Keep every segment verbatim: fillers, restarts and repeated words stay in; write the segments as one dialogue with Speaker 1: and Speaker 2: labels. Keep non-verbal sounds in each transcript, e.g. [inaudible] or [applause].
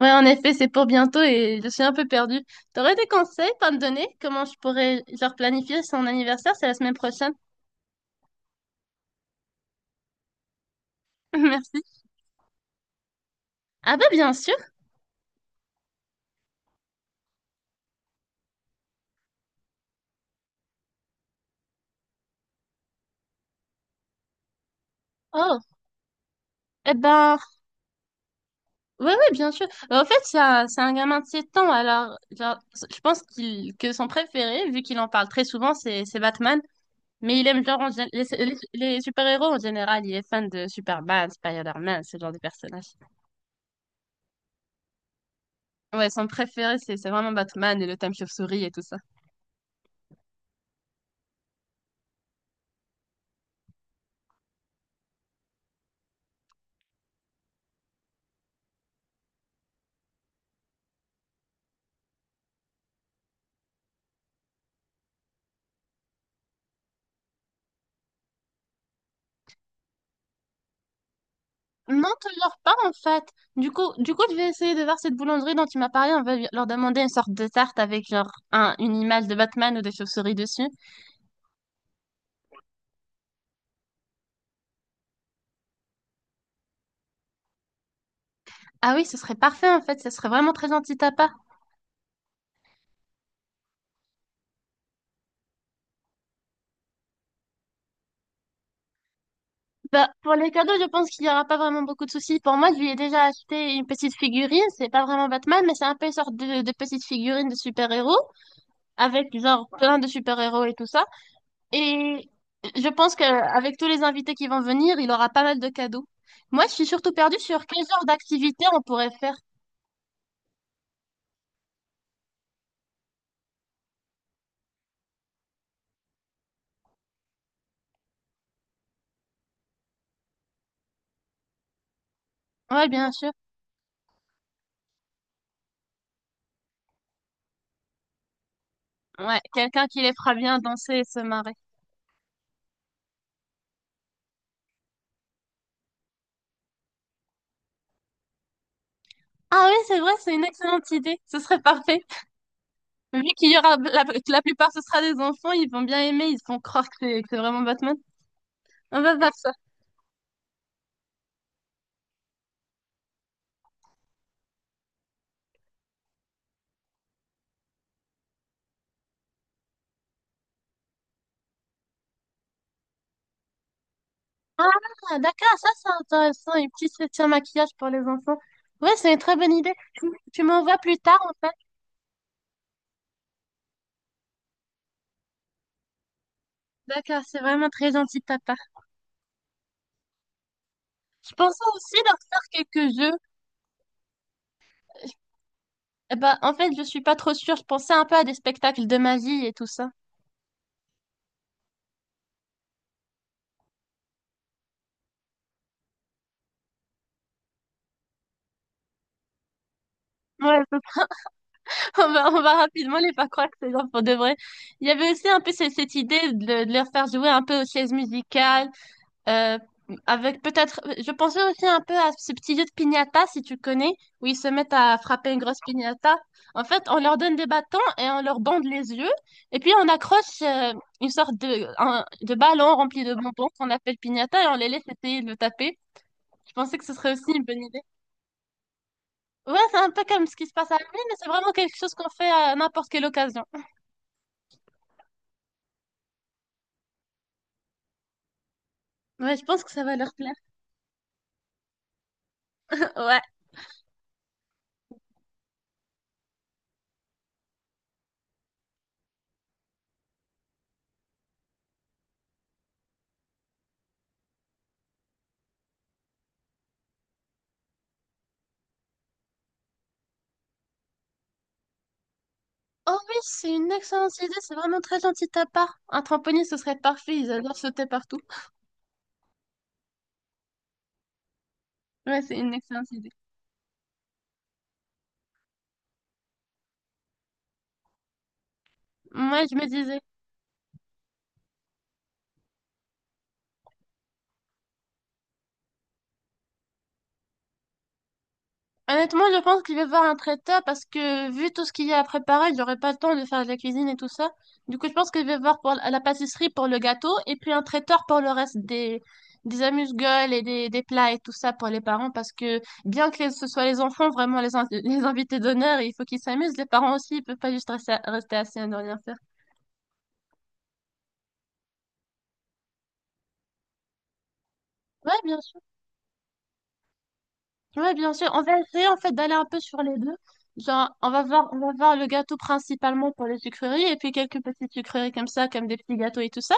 Speaker 1: Ouais, en effet, c'est pour bientôt et je suis un peu perdue. T'aurais des conseils à me donner? Comment je pourrais, genre, planifier son anniversaire? C'est la semaine prochaine. [laughs] Merci. Ah ben, bien sûr. Oh, eh ben, ouais, ouais, bien sûr. Euh, En fait, c'est un, c'est un gamin de sept ans, alors, genre, je pense qu'il, que son préféré, vu qu'il en parle très souvent, c'est, c'est Batman. Mais il aime, genre, en gé- les, les- les super-héros en général. Il est fan de Superman, Spider-Man, ce genre de personnages. Ouais, son préféré, c'est c'est vraiment Batman et le thème chauve-souris et tout ça. Non, toujours pas en fait. Du coup, du coup, je vais essayer de voir cette boulangerie dont tu m'as parlé. On va lui- leur demander une sorte de tarte avec genre un, une image de Batman ou des chauves-souris dessus. Ah oui, ce serait parfait en fait. Ce serait vraiment très gentil de ta part. Bah, pour les cadeaux, je pense qu'il n'y aura pas vraiment beaucoup de soucis. Pour moi, je lui ai déjà acheté une petite figurine. C'est pas vraiment Batman, mais c'est un peu une sorte de, de petite figurine de super-héros avec genre plein de super-héros et tout ça. Et je pense qu'avec tous les invités qui vont venir, il aura pas mal de cadeaux. Moi, je suis surtout perdue sur quel genre d'activité on pourrait faire. Ouais, bien sûr. Ouais, quelqu'un qui les fera bien danser et se marrer. Ah oui, c'est vrai, c'est une excellente idée. Ce serait parfait. Vu qu'il y aura la, que la plupart ce sera des enfants, ils vont bien aimer, ils se font croire que c'est que c'est vraiment Batman. On va voir ça. Ah, d'accord, ça c'est intéressant. Une petite session maquillage pour les enfants. Ouais, c'est une très bonne idée. Tu, tu m'envoies plus tard en fait. D'accord, c'est vraiment très gentil de ta part. Je pensais aussi leur faire quelques jeux. Eh ben, en fait, je suis pas trop sûre. Je pensais un peu à des spectacles de magie et tout ça. Ouais, [laughs] à peu près. [laughs] on va, on va rapidement les faire croire que c'est genre pour de vrai. Il y avait aussi un peu ce- cette, idée de, de leur faire jouer un peu aux chaises musicales. Euh, Avec peut-être, je pensais aussi un peu à ce petit jeu de piñata, si tu connais, où ils se mettent à frapper une grosse piñata. En fait, on leur donne des bâtons et on leur bande les yeux. Et puis, on accroche euh, une sorte de, un- de ballon rempli de bonbons qu'on appelle piñata et on les laisse essayer de le taper. Je pensais que ce serait aussi une bonne idée. Ouais, c'est un peu comme ce qui se passe à la main, mais c'est vraiment quelque chose qu'on fait à n'importe quelle occasion. Ouais, je pense que ça va leur plaire. [laughs] Ouais. Oh oui, c'est une excellente idée, c'est vraiment très gentil de ta part. Un trampoline, ce serait parfait, ils adorent sauter partout. Ouais, c'est une excellente idée. Moi, je me disais. Honnêtement, je pense qu'il va voir un traiteur parce que vu tout ce qu'il y a à préparer, j'aurai pas le temps de faire de la cuisine et tout ça. Du coup, je pense que je vais voir pour la la pâtisserie pour le gâteau et puis un traiteur pour le reste des, des amuse-gueules et des, des plats et tout ça pour les parents parce que bien que les- ce soit les enfants vraiment les, in- [laughs] les invités d'honneur, il faut qu'ils s'amusent. Les parents aussi, ils peuvent pas juste rester, rester assis à ne rien faire. Ouais, bien sûr. Ouais, bien sûr. On va essayer en fait d'aller un peu sur les deux. Genre, on va voir, on va voir le gâteau principalement pour les sucreries et puis quelques petites sucreries comme ça, comme des petits gâteaux et tout ça.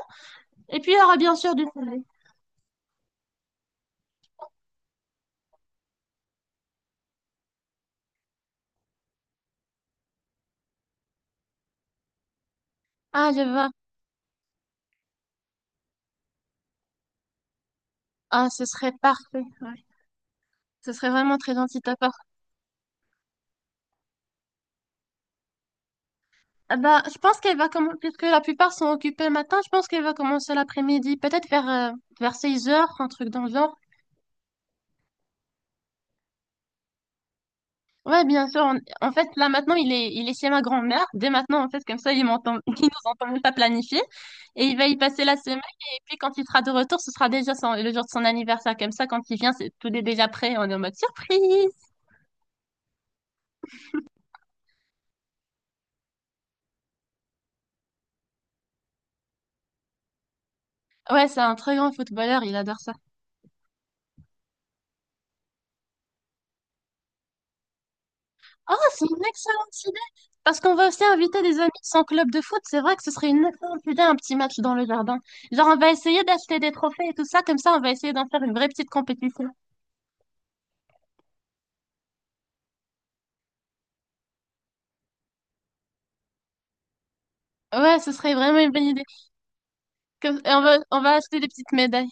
Speaker 1: Et puis il y aura bien sûr du salé. Ah, je vois. Ah, ce serait parfait. Ouais. Ce serait vraiment très gentil de ta part. Ah bah, je pense qu'elle va commencer, puisque la plupart sont occupés le matin, je pense qu'elle va commencer l'après-midi, peut-être vers, euh, vers seize heures, un truc dans le genre. Ouais, bien sûr. on- En fait, là maintenant, il est, il est chez ma grand-mère. Dès maintenant, en fait, comme ça, il m'entend, [laughs] il nous entend même pas planifier. Et il va y passer la semaine. Et puis, quand il sera de retour, ce sera déjà son- le jour de son anniversaire. Comme ça, quand il vient, c'est tout est déjà prêt. On est en mode surprise. Ouais, c'est un très grand footballeur. Il adore ça. Oh, c'est une excellente idée. Parce qu'on va aussi inviter des amis de son club de foot. C'est vrai que ce serait une excellente idée, un petit match dans le jardin. Genre, on va essayer d'acheter des trophées et tout ça. Comme ça, on va essayer d'en faire une vraie petite compétition. Ouais, ce serait vraiment une bonne idée. Comme- et on va, on va acheter des petites médailles.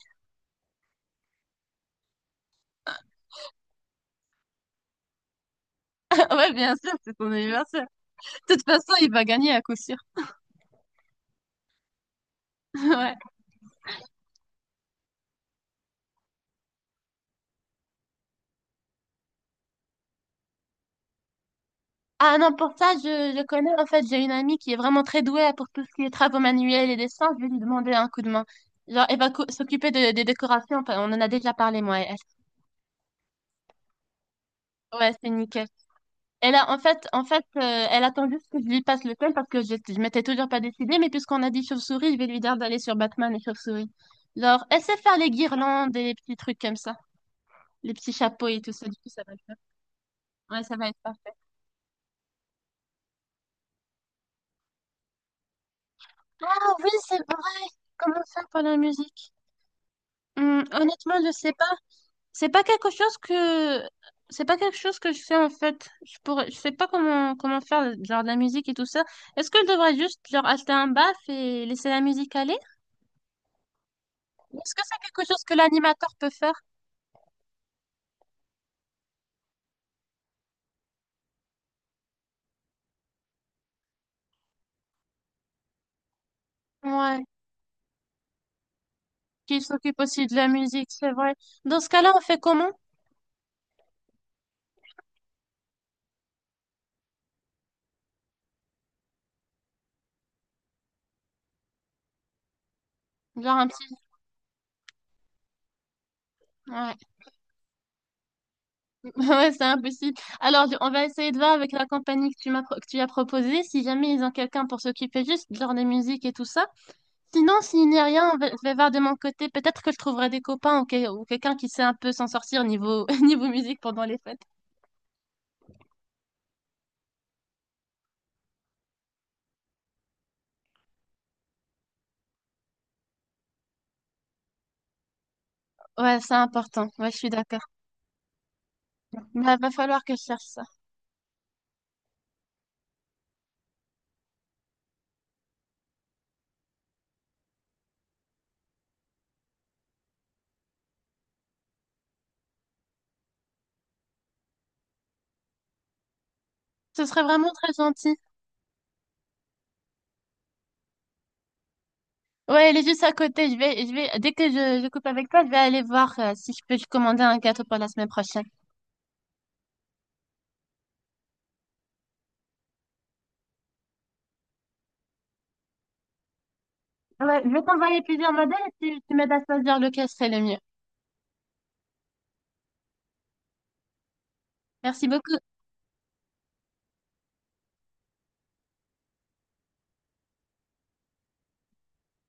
Speaker 1: [laughs] Ouais, bien sûr, c'est ton anniversaire. De toute façon, il va gagner à coup sûr. [laughs] Ouais. Ah non, pour ça, je, je connais. En fait, j'ai une amie qui est vraiment très douée pour tout ce qui est travaux manuels et dessins. Je vais lui demander un coup de main. Genre, elle va co- s'occuper de- des décorations. Enfin, on en a déjà parlé, moi et elle. Ouais, c'est nickel. Et là, en fait, en fait, euh, elle attend juste que je lui passe le thème parce que je, je m'étais toujours pas décidée. Mais puisqu'on a dit chauve-souris, je vais lui dire d'aller sur Batman et chauve-souris. Genre, elle sait faire les guirlandes et les petits trucs comme ça, les petits chapeaux et tout ça. Du coup, ça va. Ouais, ça va être parfait. Ah oui, c'est vrai. Comment ça pour la musique? Hum, honnêtement, je sais pas. C'est pas quelque chose que c'est pas quelque chose que je fais en fait. Je pourrais je sais pas comment comment faire genre de la musique et tout ça. Est-ce que je devrais juste genre acheter un baff et laisser la musique aller? Ou est-ce que c'est quelque chose que l'animateur peut faire? Ouais, qui s'occupe aussi de la musique, c'est vrai. Dans ce cas-là, on fait comment? Genre un petit ouais. [laughs] Ouais, c'est impossible. Alors, je- on va essayer de voir avec la compagnie que tu m'as pro- que tu as proposée, si jamais ils ont quelqu'un pour s'occuper juste genre des musiques et tout ça. Sinon, s'il n'y a rien, on va- je vais voir de mon côté. Peut-être que je trouverai des copains ou, que- ou quelqu'un qui sait un peu s'en sortir niveau, [laughs] niveau musique pendant les fêtes. Ouais, c'est important. Ouais, je suis d'accord. Mais va falloir que je cherche ça. Ce serait vraiment très gentil. Ouais, elle est juste à côté. Je vais, je vais, dès que je, je coupe avec toi, je vais aller voir euh, si je peux commander un gâteau pour la semaine prochaine. Ouais, je vais t'envoyer plusieurs modèles et tu, tu m'aides à choisir lequel serait le mieux. Merci beaucoup.